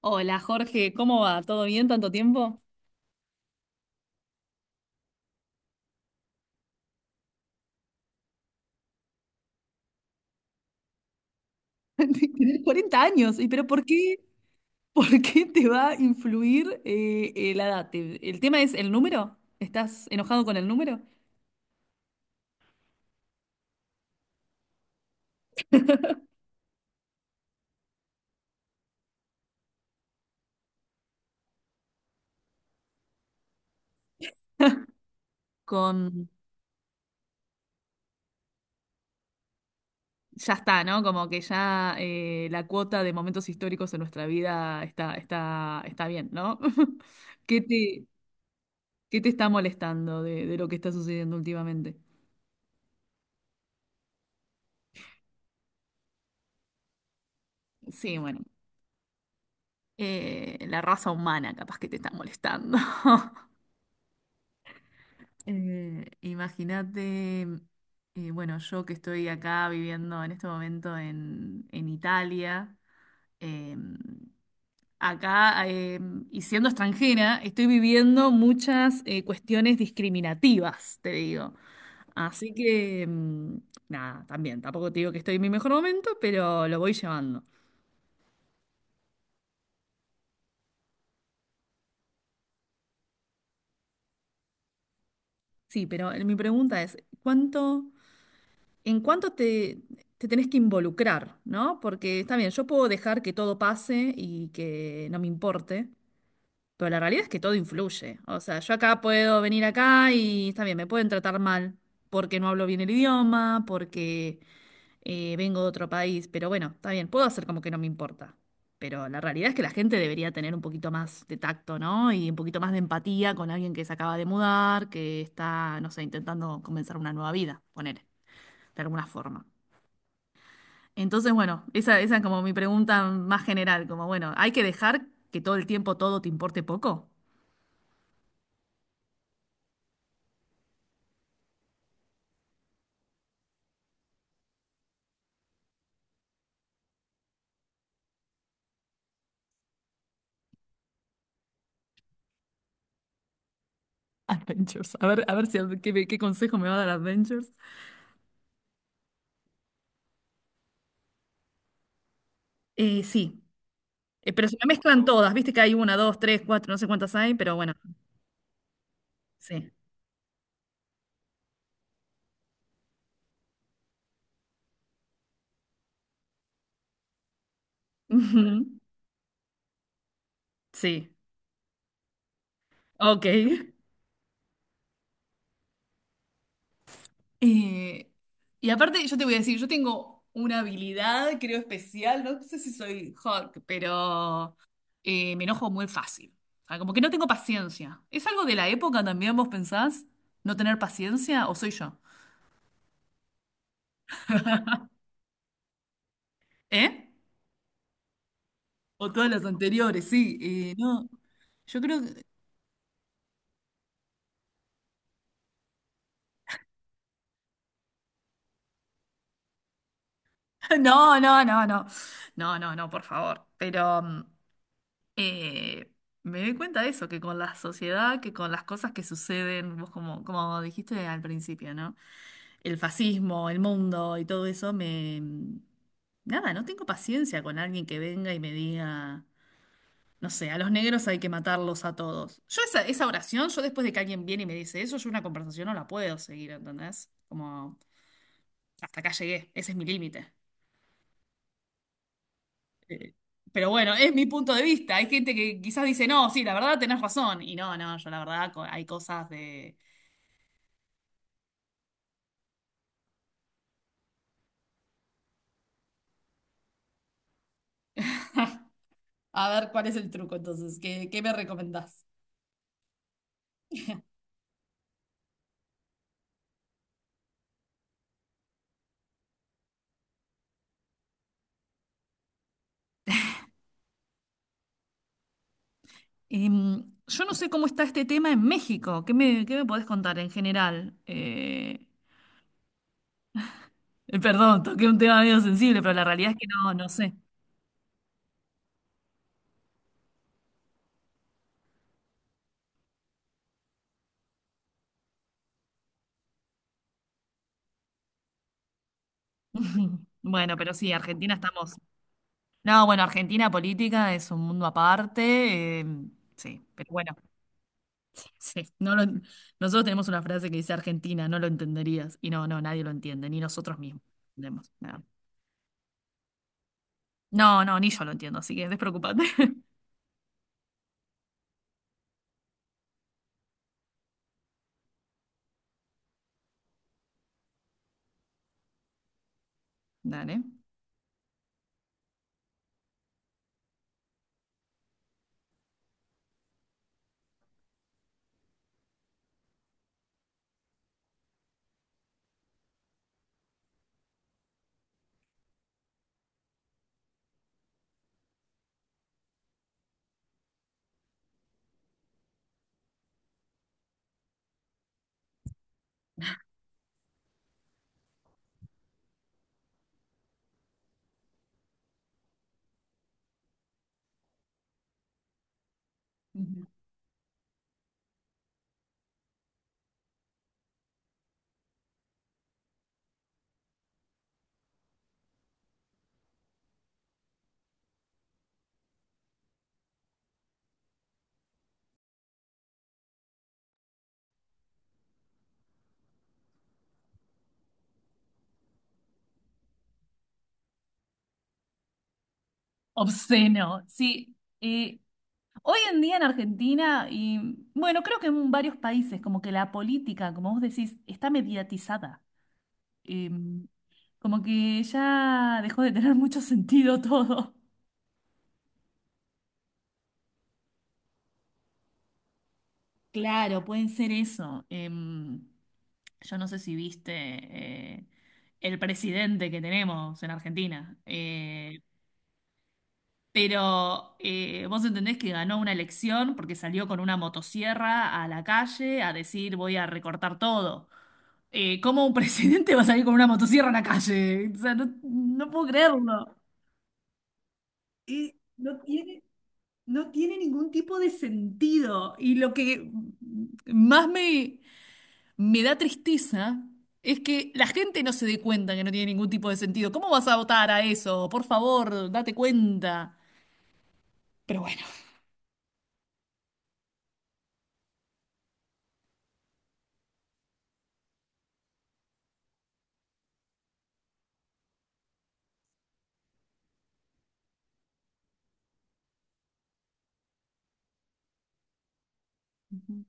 Hola Jorge, ¿cómo va? ¿Todo bien? ¿Tanto tiempo? Tenés 40 años, ¿pero por qué te va a influir la edad? ¿El tema es el número? ¿Estás enojado con el número? Con... Ya está, ¿no? Como que ya la cuota de momentos históricos en nuestra vida está bien, ¿no? ¿Qué te, qué te está molestando de lo que está sucediendo últimamente? Sí, bueno, la raza humana capaz que te está molestando. Imagínate, bueno, yo que estoy acá viviendo en este momento en Italia, eh, acá, y siendo extranjera, estoy viviendo muchas cuestiones discriminativas, te digo. Así que, nada, también, tampoco te digo que estoy en mi mejor momento, pero lo voy llevando. Sí, pero mi pregunta es, ¿cuánto... en cuánto te tenés que involucrar, ¿no? Porque está bien, yo puedo dejar que todo pase y que no me importe, pero la realidad es que todo influye. O sea, yo acá puedo venir acá y está bien, me pueden tratar mal porque no hablo bien el idioma, porque vengo de otro país, pero bueno, está bien, puedo hacer como que no me importa. Pero la realidad es que la gente debería tener un poquito más de tacto, ¿no? Y un poquito más de empatía con alguien que se acaba de mudar, que está, no sé, intentando comenzar una nueva vida, poner, de alguna forma. Entonces, bueno, esa es como mi pregunta más general, como bueno, ¿hay que dejar que todo el tiempo todo te importe poco? Adventures. A ver si qué, qué consejo me va a dar Adventures. Sí. Pero se me mezclan todas, viste que hay una, dos, tres, cuatro, no sé cuántas hay, pero bueno, sí. Ujú. Sí, ok. Eh, y aparte, yo te voy a decir, yo tengo una habilidad, creo, especial, no sé si soy Hulk, pero me enojo muy fácil. O sea, como que no tengo paciencia. ¿Es algo de la época también, vos pensás? ¿No tener paciencia? ¿O soy yo? ¿Eh? O todas las anteriores, sí. No, yo creo que... No, no, no, no. No, no, no, por favor. Pero... Eh, me doy cuenta de eso, que con la sociedad, que con las cosas que suceden, vos como, como dijiste al principio, ¿no? El fascismo, el mundo y todo eso, me... mm, nada, no tengo paciencia con alguien que venga y me diga, no sé, a los negros hay que matarlos a todos. Yo esa oración, yo después de que alguien viene y me dice eso, yo una conversación no la puedo seguir, ¿entendés? Como, hasta acá llegué, ese es mi límite. Eh, Pero bueno, es mi punto de vista. Hay gente que quizás dice, no, sí, la verdad tenés razón. Y no, no, yo la verdad hay cosas de... A ver, ¿cuál es el truco entonces? ¿Qué me recomendás? Em, yo no sé cómo está este tema en México. ¿Qué me podés contar en general? Perdón, toqué un tema medio sensible, pero la realidad es que no, no sé. Bueno, pero sí, Argentina estamos. No, bueno, Argentina política es un mundo aparte. Em, sí, pero bueno. Sí, no lo, nosotros tenemos una frase que dice Argentina, no lo entenderías. Y no, no, nadie lo entiende, ni nosotros mismos entendemos. No, no, no, ni yo lo entiendo, así que despreocupate. Dale. Ujú. Obsceno, sí. eh, hoy en día en Argentina, y bueno, creo que en varios países, como que la política, como vos decís, está mediatizada. Eh, como que ya dejó de tener mucho sentido todo. Claro, pueden ser eso. Em, yo no sé si viste el presidente que tenemos en Argentina, pero vos entendés que ganó una elección porque salió con una motosierra a la calle a decir voy a recortar todo. ¿Cómo un presidente va a salir con una motosierra a la calle? O sea, no, no puedo creerlo. Y no tiene, no tiene ningún tipo de sentido. Y lo que más me... me da tristeza es que la gente no se dé cuenta que no tiene ningún tipo de sentido. ¿Cómo vas a votar a eso? Por favor, date cuenta. Pero bueno. Ujú.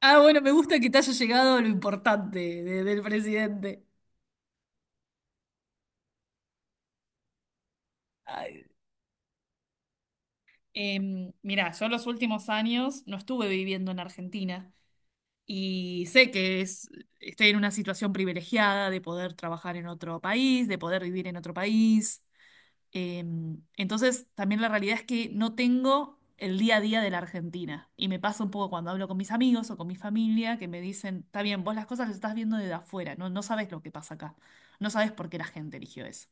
Ah, bueno, me gusta que te haya llegado lo importante del presidente. Ay. Em, mirá, yo los últimos años no estuve viviendo en Argentina y sé que es, estoy en una situación privilegiada de poder trabajar en otro país, de poder vivir en otro país. Em, entonces, también la realidad es que no tengo el día a día de la Argentina. Y me pasa un poco cuando hablo con mis amigos o con mi familia que me dicen, está bien, vos las cosas las estás viendo desde afuera, no, no sabés lo que pasa acá, no sabés por qué la gente eligió eso.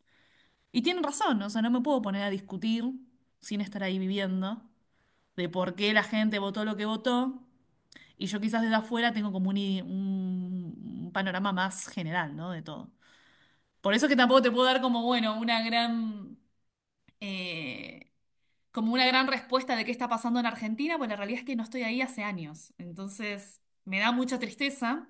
Y tienen razón, o sea, no me puedo poner a discutir sin estar ahí viviendo de por qué la gente votó lo que votó. Y yo quizás desde afuera tengo como un panorama más general, ¿no? De todo. Por eso es que tampoco te puedo dar como, bueno, una gran... eh, como una gran respuesta de qué está pasando en Argentina, pues la realidad es que no estoy ahí hace años. Entonces, me da mucha tristeza.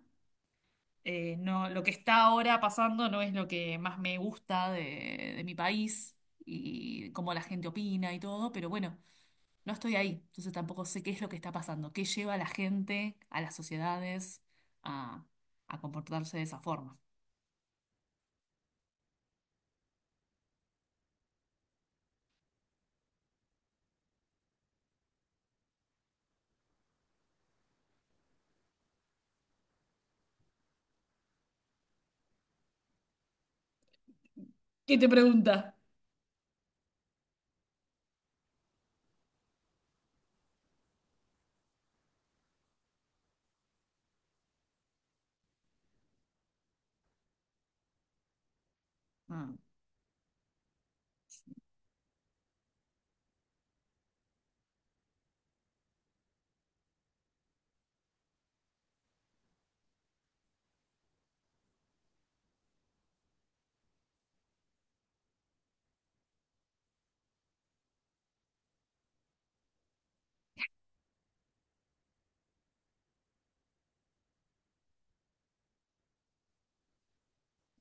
No, lo que está ahora pasando no es lo que más me gusta de mi país y cómo la gente opina y todo, pero bueno, no estoy ahí. Entonces tampoco sé qué es lo que está pasando, qué lleva a la gente, a las sociedades, a, a comportarse de esa forma. ¿Qué te pregunta?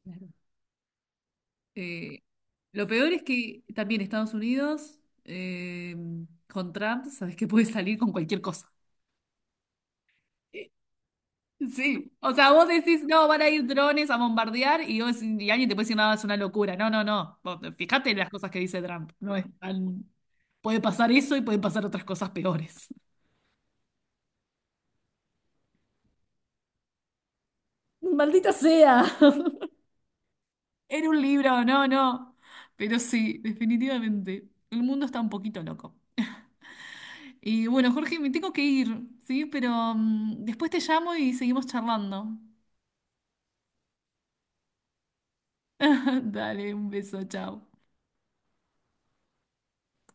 Mm. Eh, lo peor es que también Estados Unidos, con Trump, sabes que puede salir con cualquier cosa. Eh, Sí, o sea, vos decís, no, van a ir drones a bombardear y, vos- y alguien te puede decir, no, es una locura. No, no, no. Vos, fíjate en las cosas que dice Trump. No es tan... Puede pasar eso y pueden pasar otras cosas peores. Maldita sea. Era un libro, no, no. Pero sí, definitivamente. El mundo está un poquito loco. Y bueno, Jorge, me tengo que ir, ¿sí? Pero mm, después te llamo y seguimos charlando. Dale, un beso, chao.